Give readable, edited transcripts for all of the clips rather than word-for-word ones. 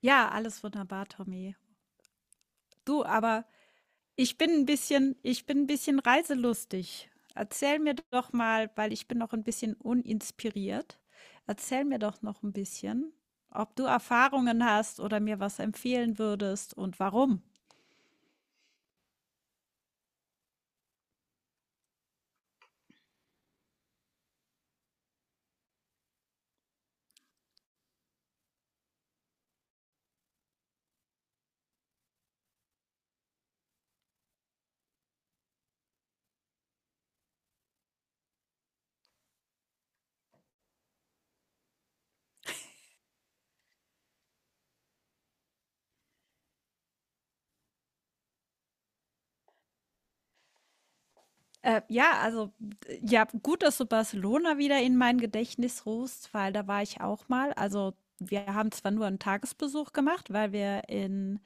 Ja, alles wunderbar, Tommy. Du, aber ich bin ein bisschen reiselustig. Erzähl mir doch mal, weil ich bin noch ein bisschen uninspiriert. Erzähl mir doch noch ein bisschen, ob du Erfahrungen hast oder mir was empfehlen würdest und warum. Ja, also, d ja, gut, dass du Barcelona wieder in mein Gedächtnis rufst, weil da war ich auch mal. Also, wir haben zwar nur einen Tagesbesuch gemacht, weil wir in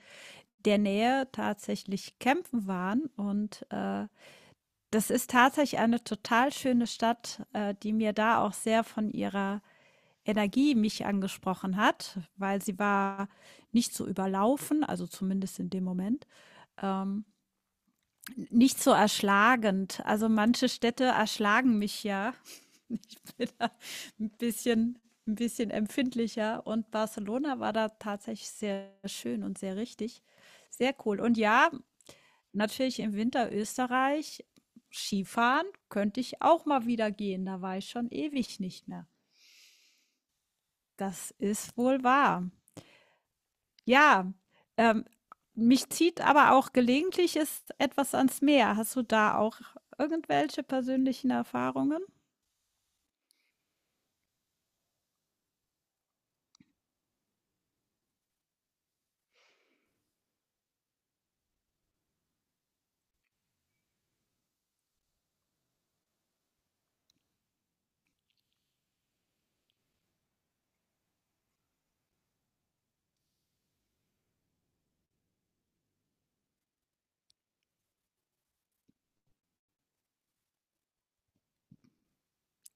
der Nähe tatsächlich campen waren das ist tatsächlich eine total schöne Stadt, die mir da auch sehr von ihrer Energie mich angesprochen hat, weil sie war nicht so überlaufen, also zumindest in dem Moment, ähm, nicht so erschlagend. Also manche Städte erschlagen mich ja mit ein bisschen empfindlicher, und Barcelona war da tatsächlich sehr schön und sehr richtig. Sehr cool. Und ja, natürlich im Winter Österreich. Skifahren könnte ich auch mal wieder gehen, da war ich schon ewig nicht mehr. Das ist wohl wahr. Ja, ähm, mich zieht aber auch gelegentlich ist etwas ans Meer. Hast du da auch irgendwelche persönlichen Erfahrungen?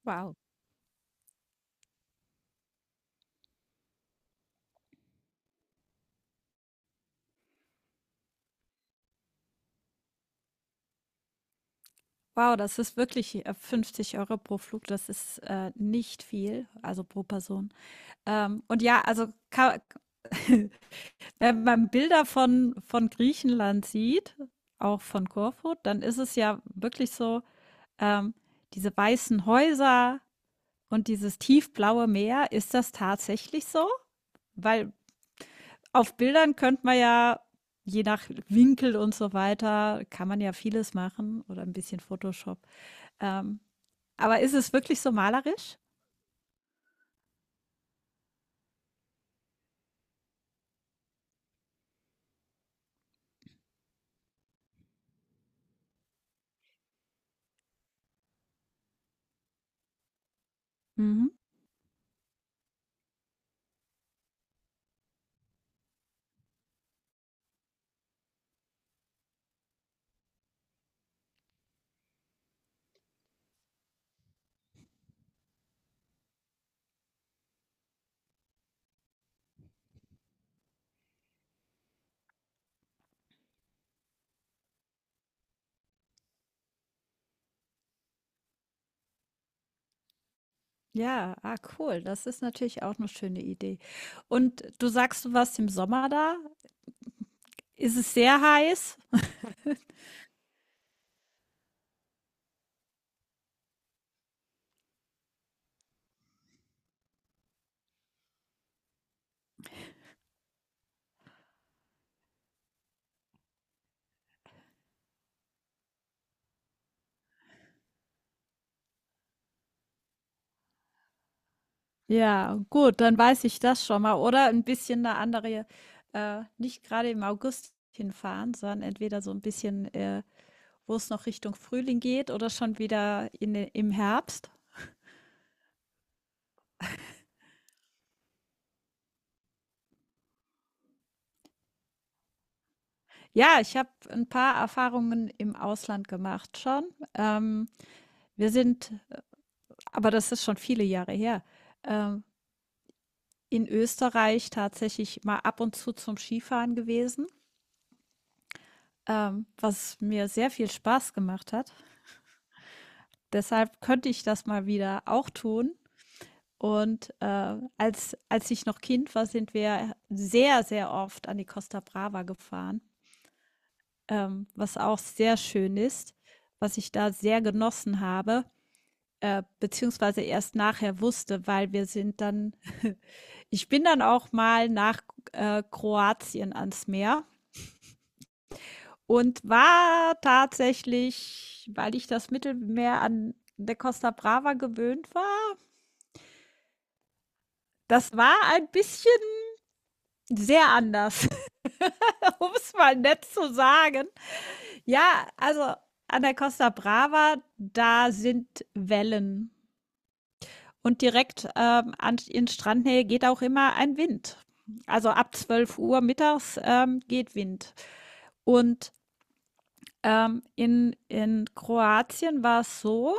Wow. Wow, das ist wirklich 50 Euro pro Flug, das ist nicht viel, also pro Person. Und ja, also ka Wenn man Bilder von Griechenland sieht, auch von Korfu, dann ist es ja wirklich so, ähm, diese weißen Häuser und dieses tiefblaue Meer, ist das tatsächlich so? Weil auf Bildern könnte man ja, je nach Winkel und so weiter, kann man ja vieles machen oder ein bisschen Photoshop. Ähm, aber ist es wirklich so malerisch? Mhm. Ja, ah, cool. Das ist natürlich auch eine schöne Idee. Und du sagst, du warst im Sommer da. Ist es sehr heiß? Ja, gut, dann weiß ich das schon mal. Oder ein bisschen eine andere, nicht gerade im August hinfahren, sondern entweder so ein bisschen, wo es noch Richtung Frühling geht oder schon wieder im Herbst. Ja, ich habe ein paar Erfahrungen im Ausland gemacht schon. Ähm, Wir sind, aber das ist schon viele Jahre her, ähm, in Österreich tatsächlich mal ab und zu zum Skifahren gewesen, was mir sehr viel Spaß gemacht hat. Deshalb könnte ich das mal wieder auch tun. Und als ich noch Kind war, sind wir sehr, sehr oft an die Costa Brava gefahren, was auch sehr schön ist, was ich da sehr genossen habe, beziehungsweise erst nachher wusste, weil wir sind dann, ich bin dann auch mal nach Kroatien ans Meer und war tatsächlich, weil ich das Mittelmeer an der Costa Brava gewöhnt war, das war ein bisschen sehr anders, um es mal nett zu sagen. Ja, also an der Costa Brava, da sind Wellen. Und direkt in Strandnähe geht auch immer ein Wind. Also ab 12 Uhr mittags geht Wind. Und in Kroatien war es so,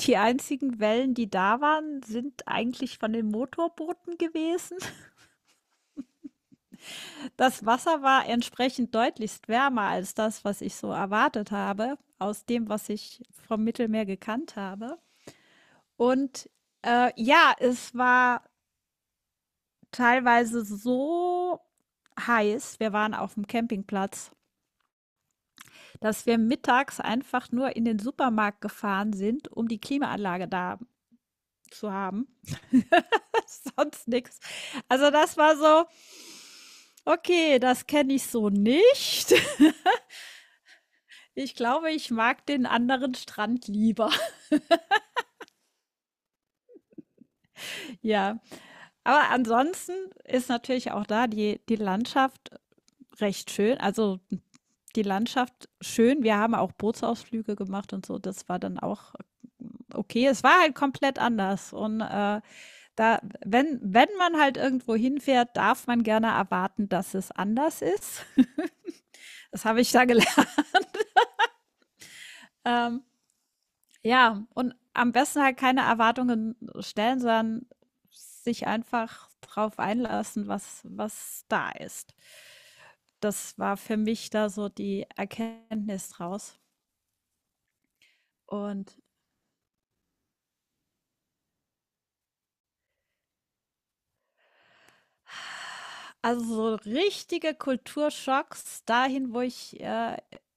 die einzigen Wellen, die da waren, sind eigentlich von den Motorbooten gewesen. Das Wasser war entsprechend deutlichst wärmer als das, was ich so erwartet habe, aus dem, was ich vom Mittelmeer gekannt habe. Und ja, es war teilweise so heiß, wir waren auf dem Campingplatz, dass wir mittags einfach nur in den Supermarkt gefahren sind, um die Klimaanlage da zu haben. Sonst nichts. Also das war so, okay, das kenne ich so nicht. Ich glaube, ich mag den anderen Strand lieber. Ja, aber ansonsten ist natürlich auch da die Landschaft recht schön. Also, die Landschaft schön. Wir haben auch Bootsausflüge gemacht und so. Das war dann auch okay. Es war halt komplett anders, und, da wenn man halt irgendwo hinfährt, darf man gerne erwarten, dass es anders ist. Das habe ich da gelernt. Ähm, Ja, und am besten halt keine Erwartungen stellen, sondern sich einfach drauf einlassen, was da ist. Das war für mich da so die Erkenntnis draus. Und also so richtige Kulturschocks dahin, wo ich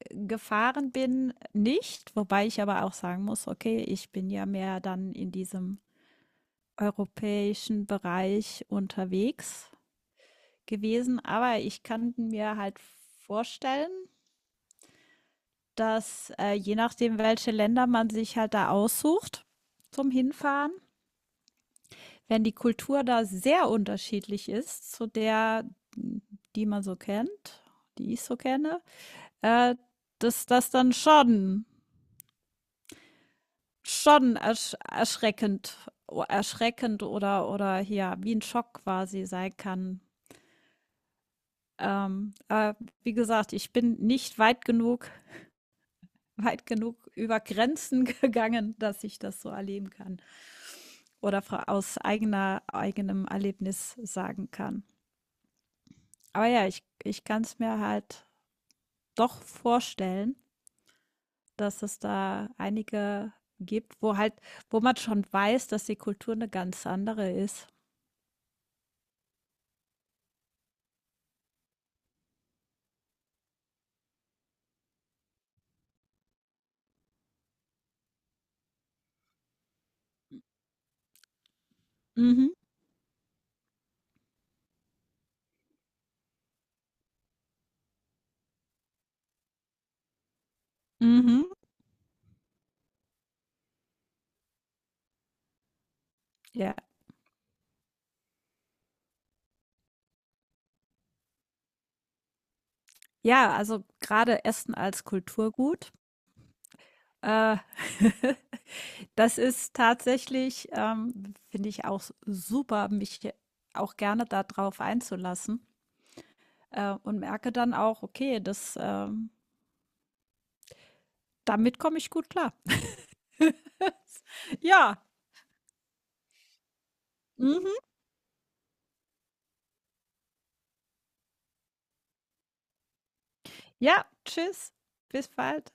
gefahren bin, nicht. Wobei ich aber auch sagen muss, okay, ich bin ja mehr dann in diesem europäischen Bereich unterwegs gewesen. Aber ich kann mir halt vorstellen, dass je nachdem, welche Länder man sich halt da aussucht zum Hinfahren, wenn die Kultur da sehr unterschiedlich ist zu der, die man so kennt, die ich so kenne, äh, dass das dann schon erschreckend, erschreckend oder hier wie ein Schock quasi sein kann. Ähm, äh, Wie gesagt, ich bin nicht weit genug, weit genug über Grenzen gegangen, dass ich das so erleben kann. Oder aus eigenem Erlebnis sagen kann. Aber ja, ich kann es mir halt doch vorstellen, dass es da einige gibt, wo man schon weiß, dass die Kultur eine ganz andere ist. Mhm. Mhm. Ja. Ja, also gerade Essen als Kulturgut. Äh, Das ist tatsächlich, finde ich auch super, mich auch gerne darauf einzulassen und merke dann auch, okay, das damit komme ich gut klar. Ja. Mhm. Ja, tschüss. Bis bald.